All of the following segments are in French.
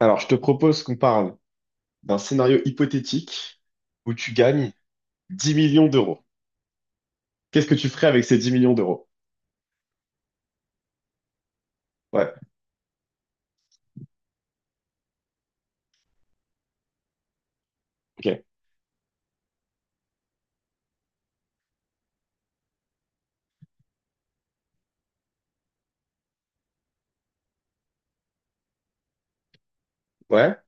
Alors, je te propose qu'on parle d'un scénario hypothétique où tu gagnes 10 millions d'euros. Qu'est-ce que tu ferais avec ces 10 millions d'euros? Ouais, ok. Ouais.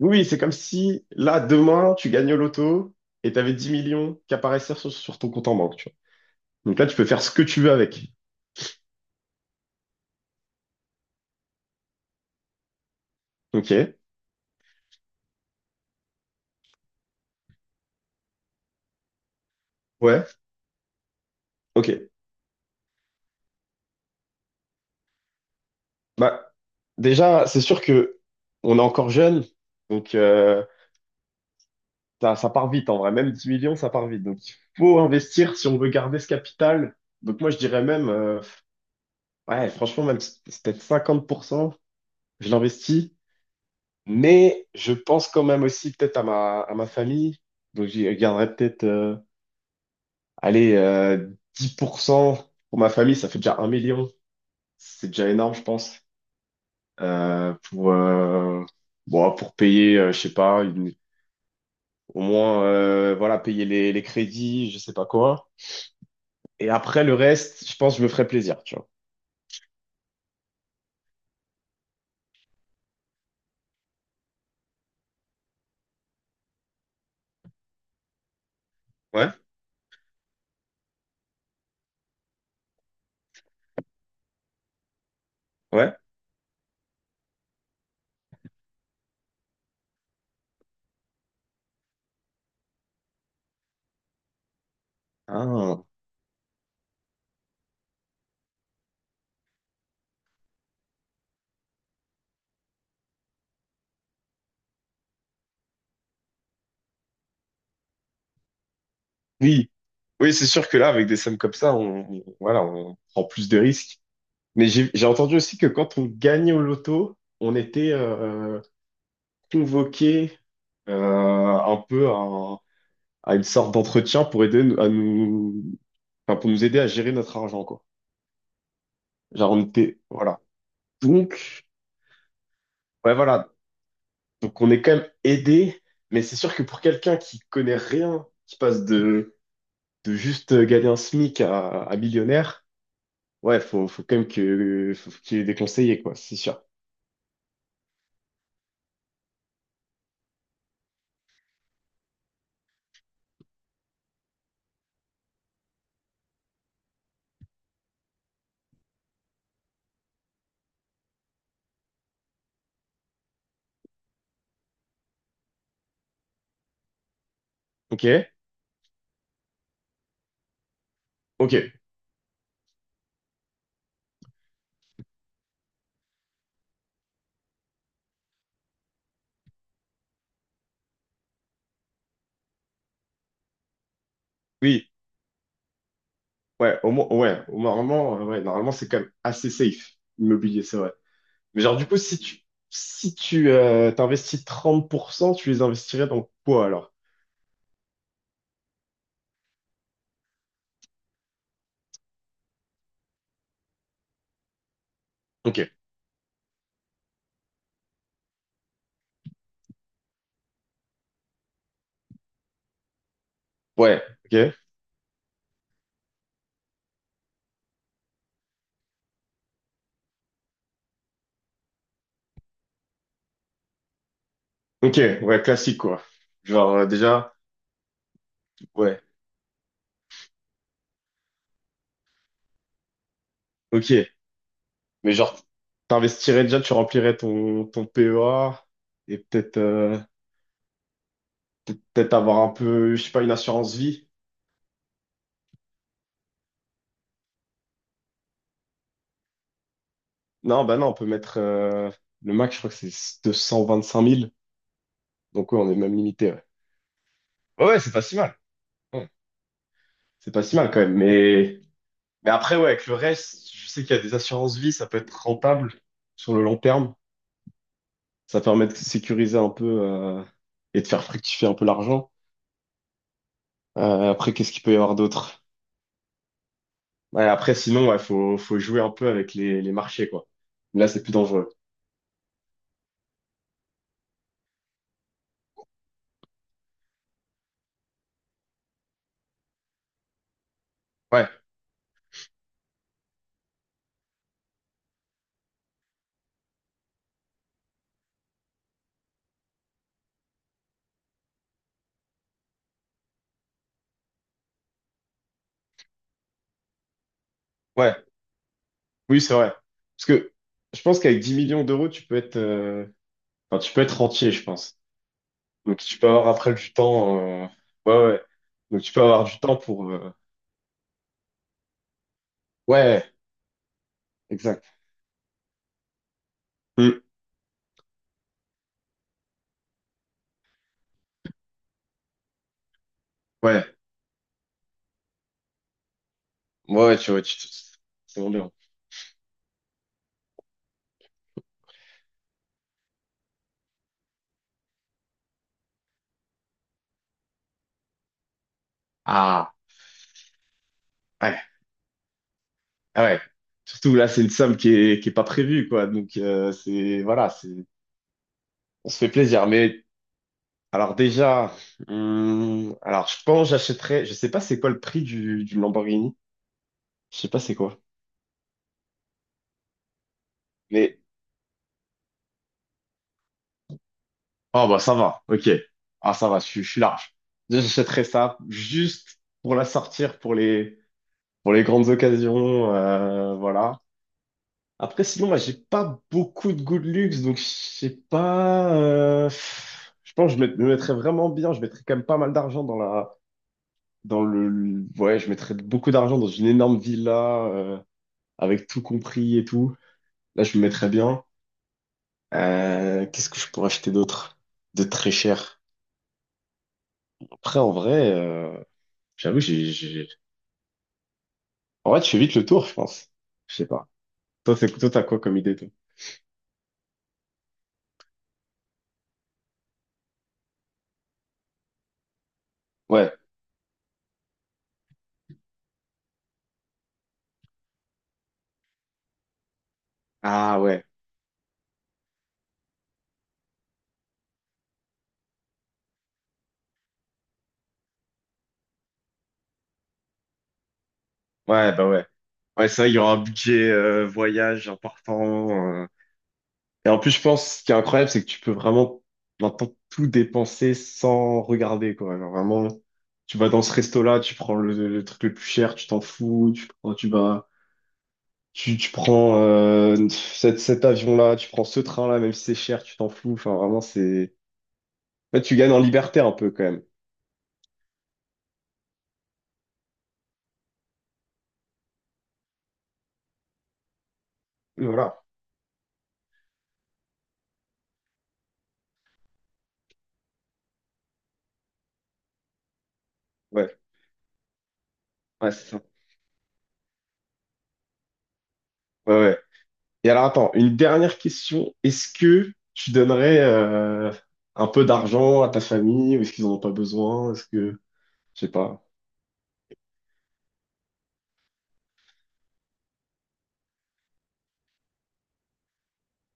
Oui, oui, c'est comme si, là, demain, tu gagnes au loto et tu avais 10 millions qui apparaissaient sur ton compte en banque, tu vois. Donc là, tu peux faire ce que tu veux avec. Ok. Ouais, ok. Bah, déjà, c'est sûr que on est encore jeune, donc ça part vite en vrai. Même 10 millions, ça part vite. Donc, il faut investir si on veut garder ce capital. Donc moi, Ouais, franchement, même si c'est peut-être 50%, je l'investis, mais je pense quand même aussi peut-être à ma famille. Donc, j'y garderai peut-être, allez, euh, 10% pour ma famille, ça fait déjà 1 million. C'est déjà énorme, je pense. Euh, pour, euh, pour payer, je sais pas, au moins, voilà, payer les crédits, je sais pas quoi. Et après, le reste, je pense que je me ferai plaisir, tu vois. Ouais, ouais. Ah. Oui, oui, c'est sûr que là, avec des sommes comme ça, voilà, on prend plus de risques. Mais j'ai entendu aussi que quand on gagnait au loto, on était convoqué un peu à une sorte d'entretien à nous, enfin, pour nous aider à gérer notre argent, quoi. Genre, on était, voilà. Donc, ouais, voilà. Donc, on est quand même aidé, mais c'est sûr que pour quelqu'un qui connaît rien, qui passe de juste gagner un SMIC à millionnaire. Ouais, faut quand même que, faut qu'il y ait des conseillers, quoi, c'est sûr. Ok, ok, oui, ouais, au moins, normalement, normalement, c'est quand même assez safe, l'immobilier, c'est vrai. Mais genre, du coup, si tu, si tu, t'investis 30%, tu les investirais dans quoi, alors? Ok, ouais, ok, ok, ouais, classique, quoi. Genre, euh, déjà, ouais, ok, mais genre, t'investirais déjà, tu remplirais ton PEA, et peut-être avoir un peu, je sais pas, une assurance vie. Non, bah non, on peut mettre le max, je crois que c'est 225 000. Donc ouais, on est même limité. Ouais, ouais, c'est pas si mal. Ouais, c'est pas si mal quand même. Mais après, ouais, avec le reste, je sais qu'il y a des assurances vie, ça peut être rentable sur le long terme. Ça permet de sécuriser un peu et de faire fructifier un peu l'argent. Après, qu'est-ce qu'il peut y avoir d'autre? Ouais, après, sinon, ouais, faut jouer un peu avec les marchés, quoi. Là, c'est plus dangereux. Ouais, ouais, oui, c'est vrai. Parce que je pense qu'avec 10 millions d'euros, Enfin, tu peux être entier, je pense. Donc, tu peux avoir après du temps. Ouais, ouais. Donc, tu peux avoir du temps pour. Ouais, exact. Hmm, Ouais, ouais, tu vois, c'est vraiment bien. Ah, ouais, ah ouais. Surtout là, c'est une somme qui est pas prévue, quoi. Donc, c'est. Voilà, c'est. On se fait plaisir. Mais, alors, déjà. Alors, je pense que j'achèterais. Je sais pas c'est quoi le prix du Lamborghini. Je sais pas c'est quoi. Mais ah bah ça va, ok. Ah ça va, je suis large. J'achèterai ça juste pour la sortir pour les grandes occasions, voilà. Après sinon moi j'ai pas beaucoup de goût de luxe donc je sais pas. Je pense que je met- me mettrais vraiment bien. Je mettrais quand même pas mal d'argent dans le. Je mettrais beaucoup d'argent dans une énorme villa avec tout compris et tout. Là je me mettrais bien. Qu'est-ce que je pourrais acheter d'autre de très cher? Après en vrai. J'avoue, j'ai- En vrai, tu fais vite le tour, je pense. Je sais pas. Toi, c'est, toi, t'as quoi comme idée, toi? Ouais. Ah, ouais. Ouais, bah ouais. Ouais, ça, il y aura un budget voyage important. euh. Et en plus, je pense, ce qui est incroyable, c'est que tu peux vraiment maintenant tout dépenser sans regarder, quoi. Alors, vraiment, tu vas dans ce resto-là, tu prends le truc le plus cher, tu t'en fous, tu prends cet avion-là, tu prends ce train-là, même si c'est cher, tu t'en fous. En fait, tu gagnes en liberté un peu, quand même. Oui, voilà, ouais, ouais, c'est ça. Ouais, ouais. Et alors, attends, une dernière question. Est-ce que tu donnerais un peu d'argent à ta famille ou est-ce qu'ils en ont pas besoin? Je sais pas.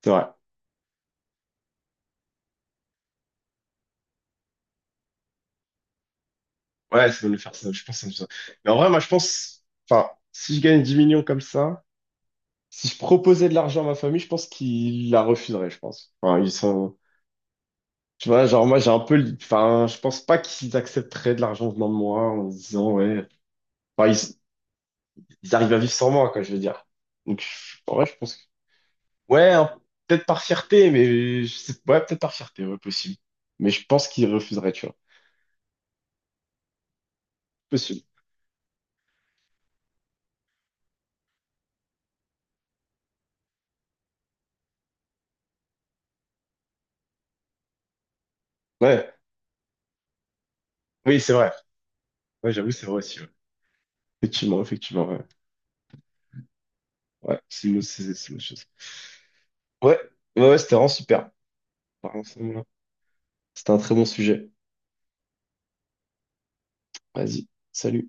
C'est vrai. Ouais, ça doit le faire ça. Je pense que ça me ça. Mais en vrai, moi, je pense, enfin, si je gagne 10 millions comme ça, si je proposais de l'argent à ma famille, je pense qu'ils la refuseraient, je pense. Enfin, ils sont, tu vois, genre, moi, j'ai un peu, le- enfin, je pense pas qu'ils accepteraient de l'argent venant de moi en se disant, ouais. Enfin, ils- Ils arrivent à vivre sans moi, quoi, je veux dire. En vrai, je pense que... Ouais, hein, peut-être par fierté, mais... Je sais... Ouais, peut-être par fierté, ouais, possible. Mais je pense qu'ils refuseraient, tu vois. Possible. Ouais, oui, c'est vrai. Ouais, j'avoue, c'est vrai aussi, ouais. Effectivement, effectivement, ouais. Ouais, c'est une autre chose. Ouais, ouais, ouais, c'était vraiment super. Vraiment, c'est- C'était un très bon sujet. Vas-y, salut.